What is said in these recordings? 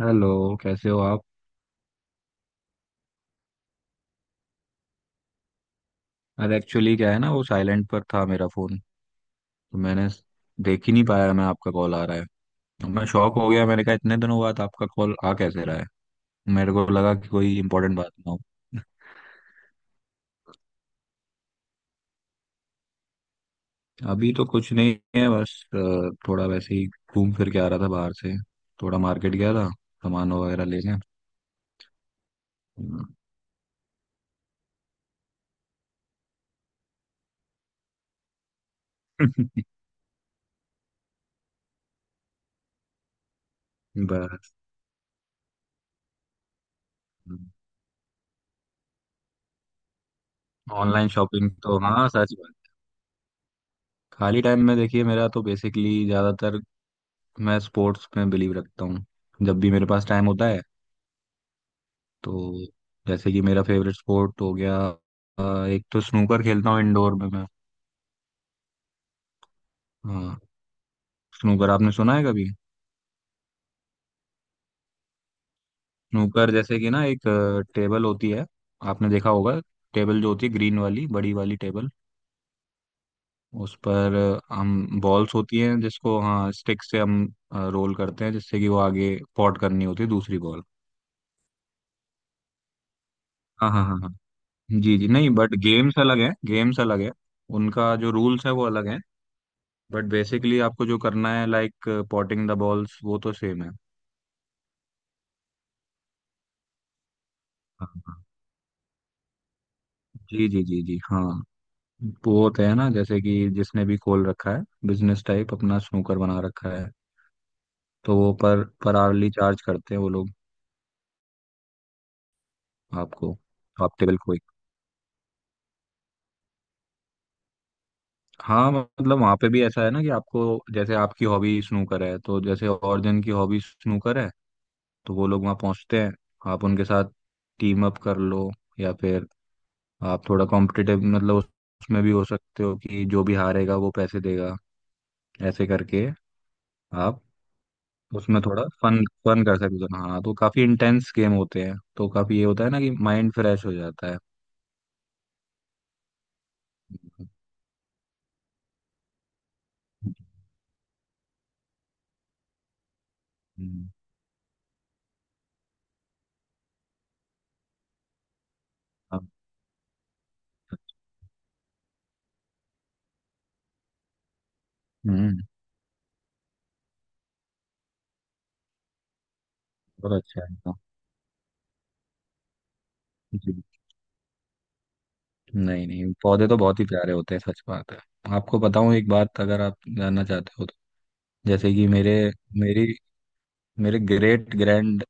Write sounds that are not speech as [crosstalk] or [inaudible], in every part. Hello. कैसे हो आप? अरे, एक्चुअली क्या है ना, वो साइलेंट पर था मेरा फोन। तो मैंने देख ही नहीं पाया मैं, आपका कॉल आ रहा है। तो मैं शॉक हो गया, मैंने कहा इतने दिनों बाद आपका कॉल आ कैसे रहा है। मेरे को लगा कि कोई इंपॉर्टेंट बात ना हो। [laughs] अभी तो कुछ नहीं है, बस थोड़ा वैसे ही घूम फिर के आ रहा था बाहर से। थोड़ा मार्केट गया था, सामान वगैरह लेने। हम्म। [laughs] बस। ऑनलाइन शॉपिंग तो हाँ, सच बात। खाली टाइम में देखिए, मेरा तो बेसिकली ज्यादातर, मैं स्पोर्ट्स में बिलीव रखता हूँ। जब भी मेरे पास टाइम होता है तो, जैसे कि मेरा फेवरेट स्पोर्ट हो गया, एक तो स्नूकर खेलता हूँ इंडोर में मैं। हाँ। स्नूकर आपने सुना है कभी? स्नूकर जैसे कि ना एक टेबल होती है। आपने देखा होगा। टेबल जो होती है, ग्रीन वाली बड़ी वाली टेबल। उस पर हम बॉल्स होती हैं जिसको, हाँ, स्टिक से हम रोल करते हैं, जिससे कि वो आगे पॉट करनी होती है दूसरी बॉल। हाँ, हाँ, हाँ, हाँ। जी जी, नहीं बट गेम्स अलग हैं, गेम्स अलग है। उनका जो रूल्स है वो अलग है। बट बेसिकली आपको जो करना है, लाइक पॉटिंग द बॉल्स, वो तो सेम है। हाँ, हाँ। जी जी जी जी, हाँ। वो होते हैं ना, जैसे कि जिसने भी खोल रखा है बिजनेस टाइप, अपना स्नूकर बना रखा है। तो वो पर आवरली चार्ज करते हैं वो लोग। आपको, आप टेबल को ही। हाँ, मतलब वहाँ पे भी ऐसा है ना कि आपको, जैसे आपकी हॉबी स्नूकर है, तो जैसे और जन की हॉबी स्नूकर है, तो वो लोग वहाँ पहुँचते हैं, आप उनके साथ टीम अप कर लो। या फिर आप थोड़ा कॉम्पिटिटिव, मतलब उसमें भी हो सकते हो कि जो भी हारेगा वो पैसे देगा। ऐसे करके आप उसमें थोड़ा फन फन कर सकते हो, हाँ। तो काफी इंटेंस गेम होते हैं तो काफी ये होता है ना कि माइंड फ्रेश हो जाता है। हम्म। हाँ, हम्म। बहुत अच्छा है, हाँ। जी। नहीं, नहीं, पौधे तो बहुत ही प्यारे होते हैं, सच बात है। आपको बताऊं एक बात, अगर आप जानना चाहते हो तो। जैसे कि मेरी मेरे ग्रेट ग्रैंड,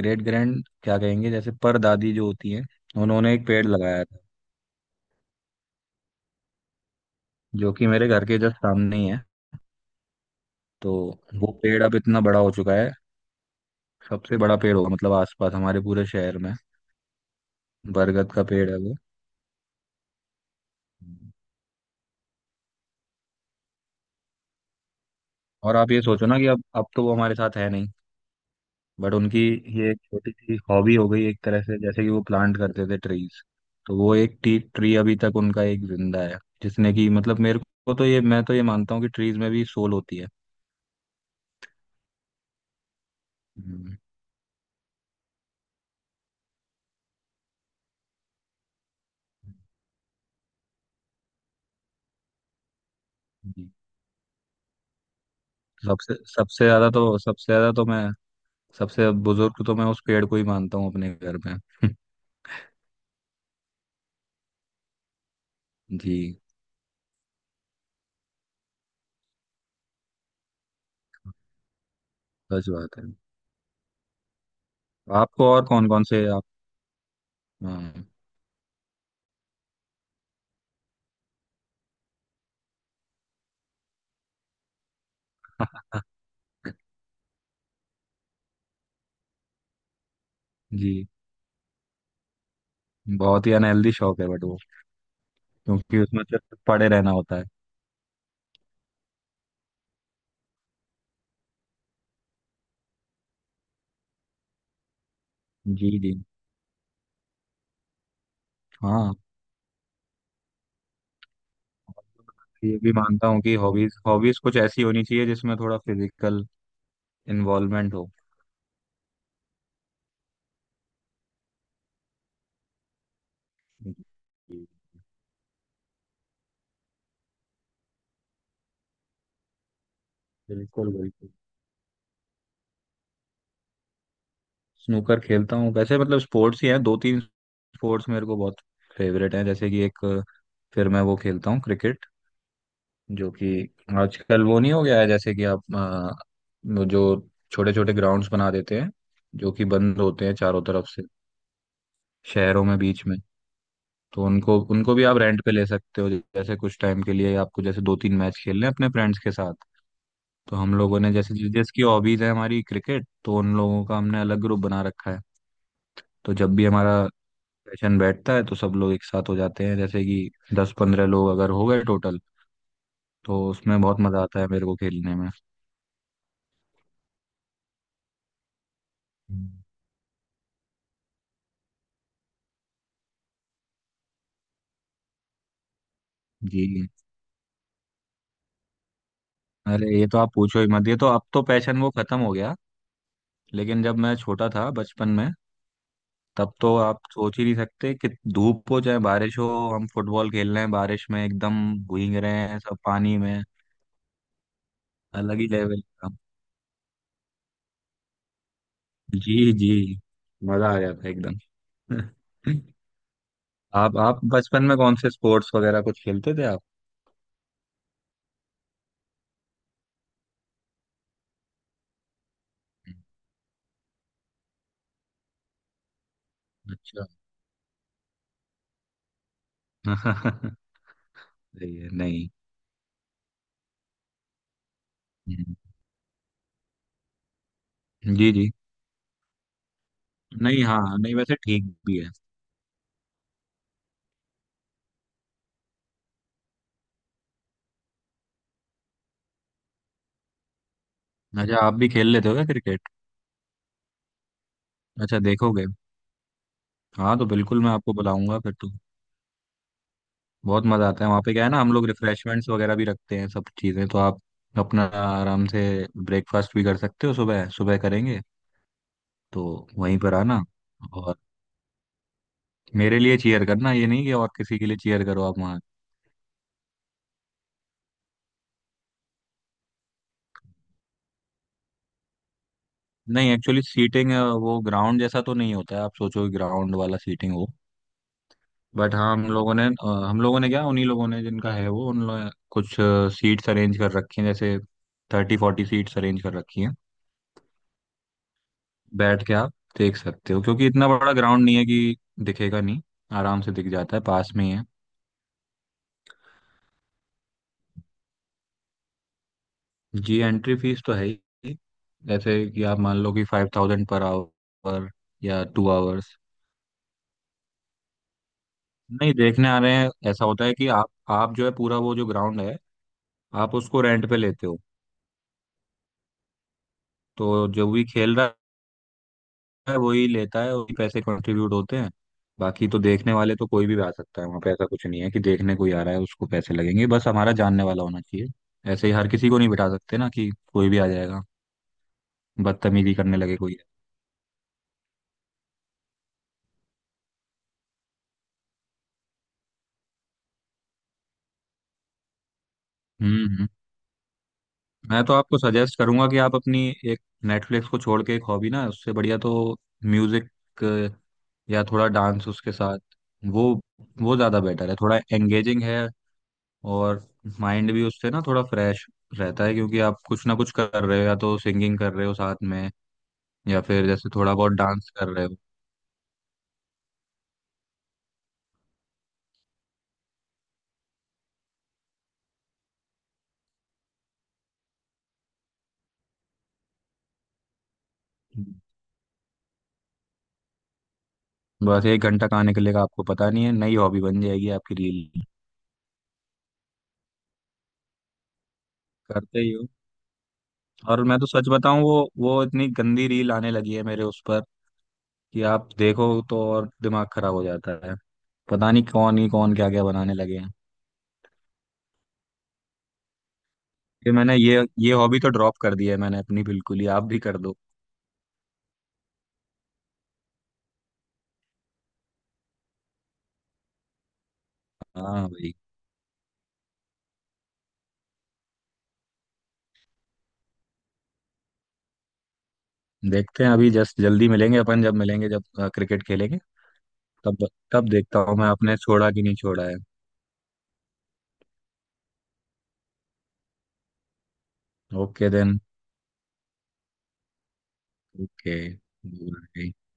ग्रेट ग्रैंड क्या कहेंगे, जैसे पर दादी जो होती हैं, उन्होंने एक पेड़ लगाया था, जो कि मेरे घर के जस्ट सामने ही है। तो वो पेड़ अब इतना बड़ा हो चुका है, सबसे बड़ा पेड़ होगा मतलब आसपास हमारे पूरे शहर में। बरगद का पेड़ है वो। और आप ये सोचो ना कि अब तो वो हमारे साथ है नहीं, बट उनकी ये एक छोटी सी हॉबी हो गई एक तरह से, जैसे कि वो प्लांट करते थे ट्रीज। तो वो एक टी ट्री अभी तक उनका एक जिंदा है, जिसने कि, मतलब मेरे को तो ये मैं तो ये मानता हूँ कि ट्रीज में भी सोल होती है। हम्म, जी। सबसे सबसे ज्यादा तो मैं सबसे बुजुर्ग तो मैं उस पेड़ को ही मानता हूँ अपने घर में। [laughs] जी, सच बात है। आपको और कौन कौन से आप? हाँ। [laughs] जी, बहुत ही अनहेल्दी शौक है बट वो, क्योंकि उसमें सिर्फ पड़े रहना होता है। जी जी, हाँ। ये भी मानता हूँ कि हॉबीज हॉबीज कुछ ऐसी होनी चाहिए जिसमें थोड़ा फिजिकल इन्वॉल्वमेंट हो। जी, बिल्कुल बिल्कुल, स्नूकर खेलता हूँ वैसे, मतलब स्पोर्ट्स ही हैं दो तीन। स्पोर्ट्स मेरे को बहुत फेवरेट हैं, जैसे कि एक, फिर मैं वो खेलता हूँ क्रिकेट। जो कि आजकल वो नहीं हो गया है, जैसे कि आप वो जो छोटे छोटे ग्राउंड्स बना देते हैं, जो कि बंद होते हैं चारों तरफ से, शहरों में बीच में। तो उनको उनको भी आप रेंट पे ले सकते हो जैसे कुछ टाइम के लिए, आपको जैसे दो तीन मैच खेलने हैं अपने फ्रेंड्स के साथ। तो हम लोगों ने जैसे जिसकी हॉबीज है हमारी क्रिकेट, तो उन लोगों का हमने अलग ग्रुप बना रखा है। तो जब भी हमारा सेशन बैठता है तो सब लोग एक साथ हो जाते हैं, जैसे कि 10-15 लोग अगर हो गए टोटल, तो उसमें बहुत मजा आता है मेरे को खेलने में। हम्म। जी। अरे, ये तो आप पूछो ही मत, ये तो अब तो पैशन वो खत्म हो गया। लेकिन जब मैं छोटा था बचपन में, तब तो आप सोच ही नहीं सकते कि धूप हो चाहे बारिश हो, हम फुटबॉल खेल रहे हैं बारिश में, एकदम भीग रहे हैं सब पानी में। अलग ही लेवल का, जी जी, मजा आ जाता है एकदम। [laughs] आप बचपन में कौन से स्पोर्ट्स वगैरह कुछ खेलते थे आप? अच्छा। [laughs] सही है, नहीं। हम्म, जी जी, नहीं, हाँ, नहीं वैसे ठीक भी है। अच्छा, आप भी खेल लेते हो क्या क्रिकेट? अच्छा, देखोगे। हाँ, तो बिल्कुल मैं आपको बुलाऊंगा फिर तो। बहुत मज़ा आता है वहाँ पे, क्या है ना हम लोग रिफ्रेशमेंट्स वगैरह भी रखते हैं सब चीज़ें, तो आप अपना आराम से ब्रेकफास्ट भी कर सकते हो, सुबह सुबह करेंगे। तो वहीं पर आना, और मेरे लिए चीयर करना, ये नहीं कि और किसी के लिए चीयर करो आप वहाँ। नहीं, एक्चुअली सीटिंग, वो ग्राउंड जैसा तो नहीं होता है, आप सोचो ग्राउंड वाला सीटिंग हो। बट हाँ, हम लोगों ने क्या, उन्हीं लोगों ने जिनका है वो, उन लोगों ने कुछ सीट्स अरेंज कर रखी हैं, जैसे 30-40 सीट्स अरेंज कर रखी हैं। बैठ के आप देख सकते हो, क्योंकि इतना बड़ा ग्राउंड नहीं है कि दिखेगा नहीं, आराम से दिख जाता है, पास में ही है। जी, एंट्री फीस तो है ही। जैसे कि आप मान लो कि 5000 पर आवर या 2 आवर्स। नहीं, देखने आ रहे हैं ऐसा होता है कि आप जो है पूरा वो जो ग्राउंड है, आप उसको रेंट पे लेते हो। तो जो भी खेल रहा है वही लेता है, वही पैसे कंट्रीब्यूट होते हैं। बाकी तो देखने वाले तो कोई भी आ सकता है वहां पे, ऐसा कुछ नहीं है कि देखने कोई आ रहा है उसको पैसे लगेंगे, बस हमारा जानने वाला होना चाहिए। ऐसे ही हर किसी को नहीं बिठा सकते ना कि कोई भी आ जाएगा, बदतमीजी करने लगे कोई। हम्म, मैं तो आपको सजेस्ट करूंगा कि आप अपनी एक, नेटफ्लिक्स को छोड़ के एक हॉबी ना, उससे बढ़िया तो म्यूजिक या थोड़ा डांस उसके साथ। वो वो ज्यादा बेटर है, थोड़ा एंगेजिंग है। और माइंड भी उससे ना थोड़ा फ्रेश रहता है, क्योंकि आप कुछ ना कुछ कर रहे हो, या तो सिंगिंग कर रहे हो साथ में, या फिर जैसे थोड़ा बहुत डांस कर रहे हो। बस एक घंटा कहाँ निकलेगा आपको पता नहीं है, नई हॉबी बन जाएगी आपकी रील। करते ही हो। और मैं तो सच बताऊं, वो इतनी गंदी रील आने लगी है मेरे उस पर, कि आप देखो तो और दिमाग खराब हो जाता है। पता नहीं कौन ही कौन क्या क्या बनाने लगे हैं। कि मैंने ये हॉबी तो ड्रॉप कर दी है मैंने अपनी बिल्कुल ही, आप भी कर दो। हाँ भाई। देखते हैं, अभी जस्ट जल्दी मिलेंगे अपन, जब मिलेंगे जब क्रिकेट खेलेंगे, तब तब देखता हूँ मैं आपने छोड़ा कि नहीं छोड़ा है। Okay then. ओके।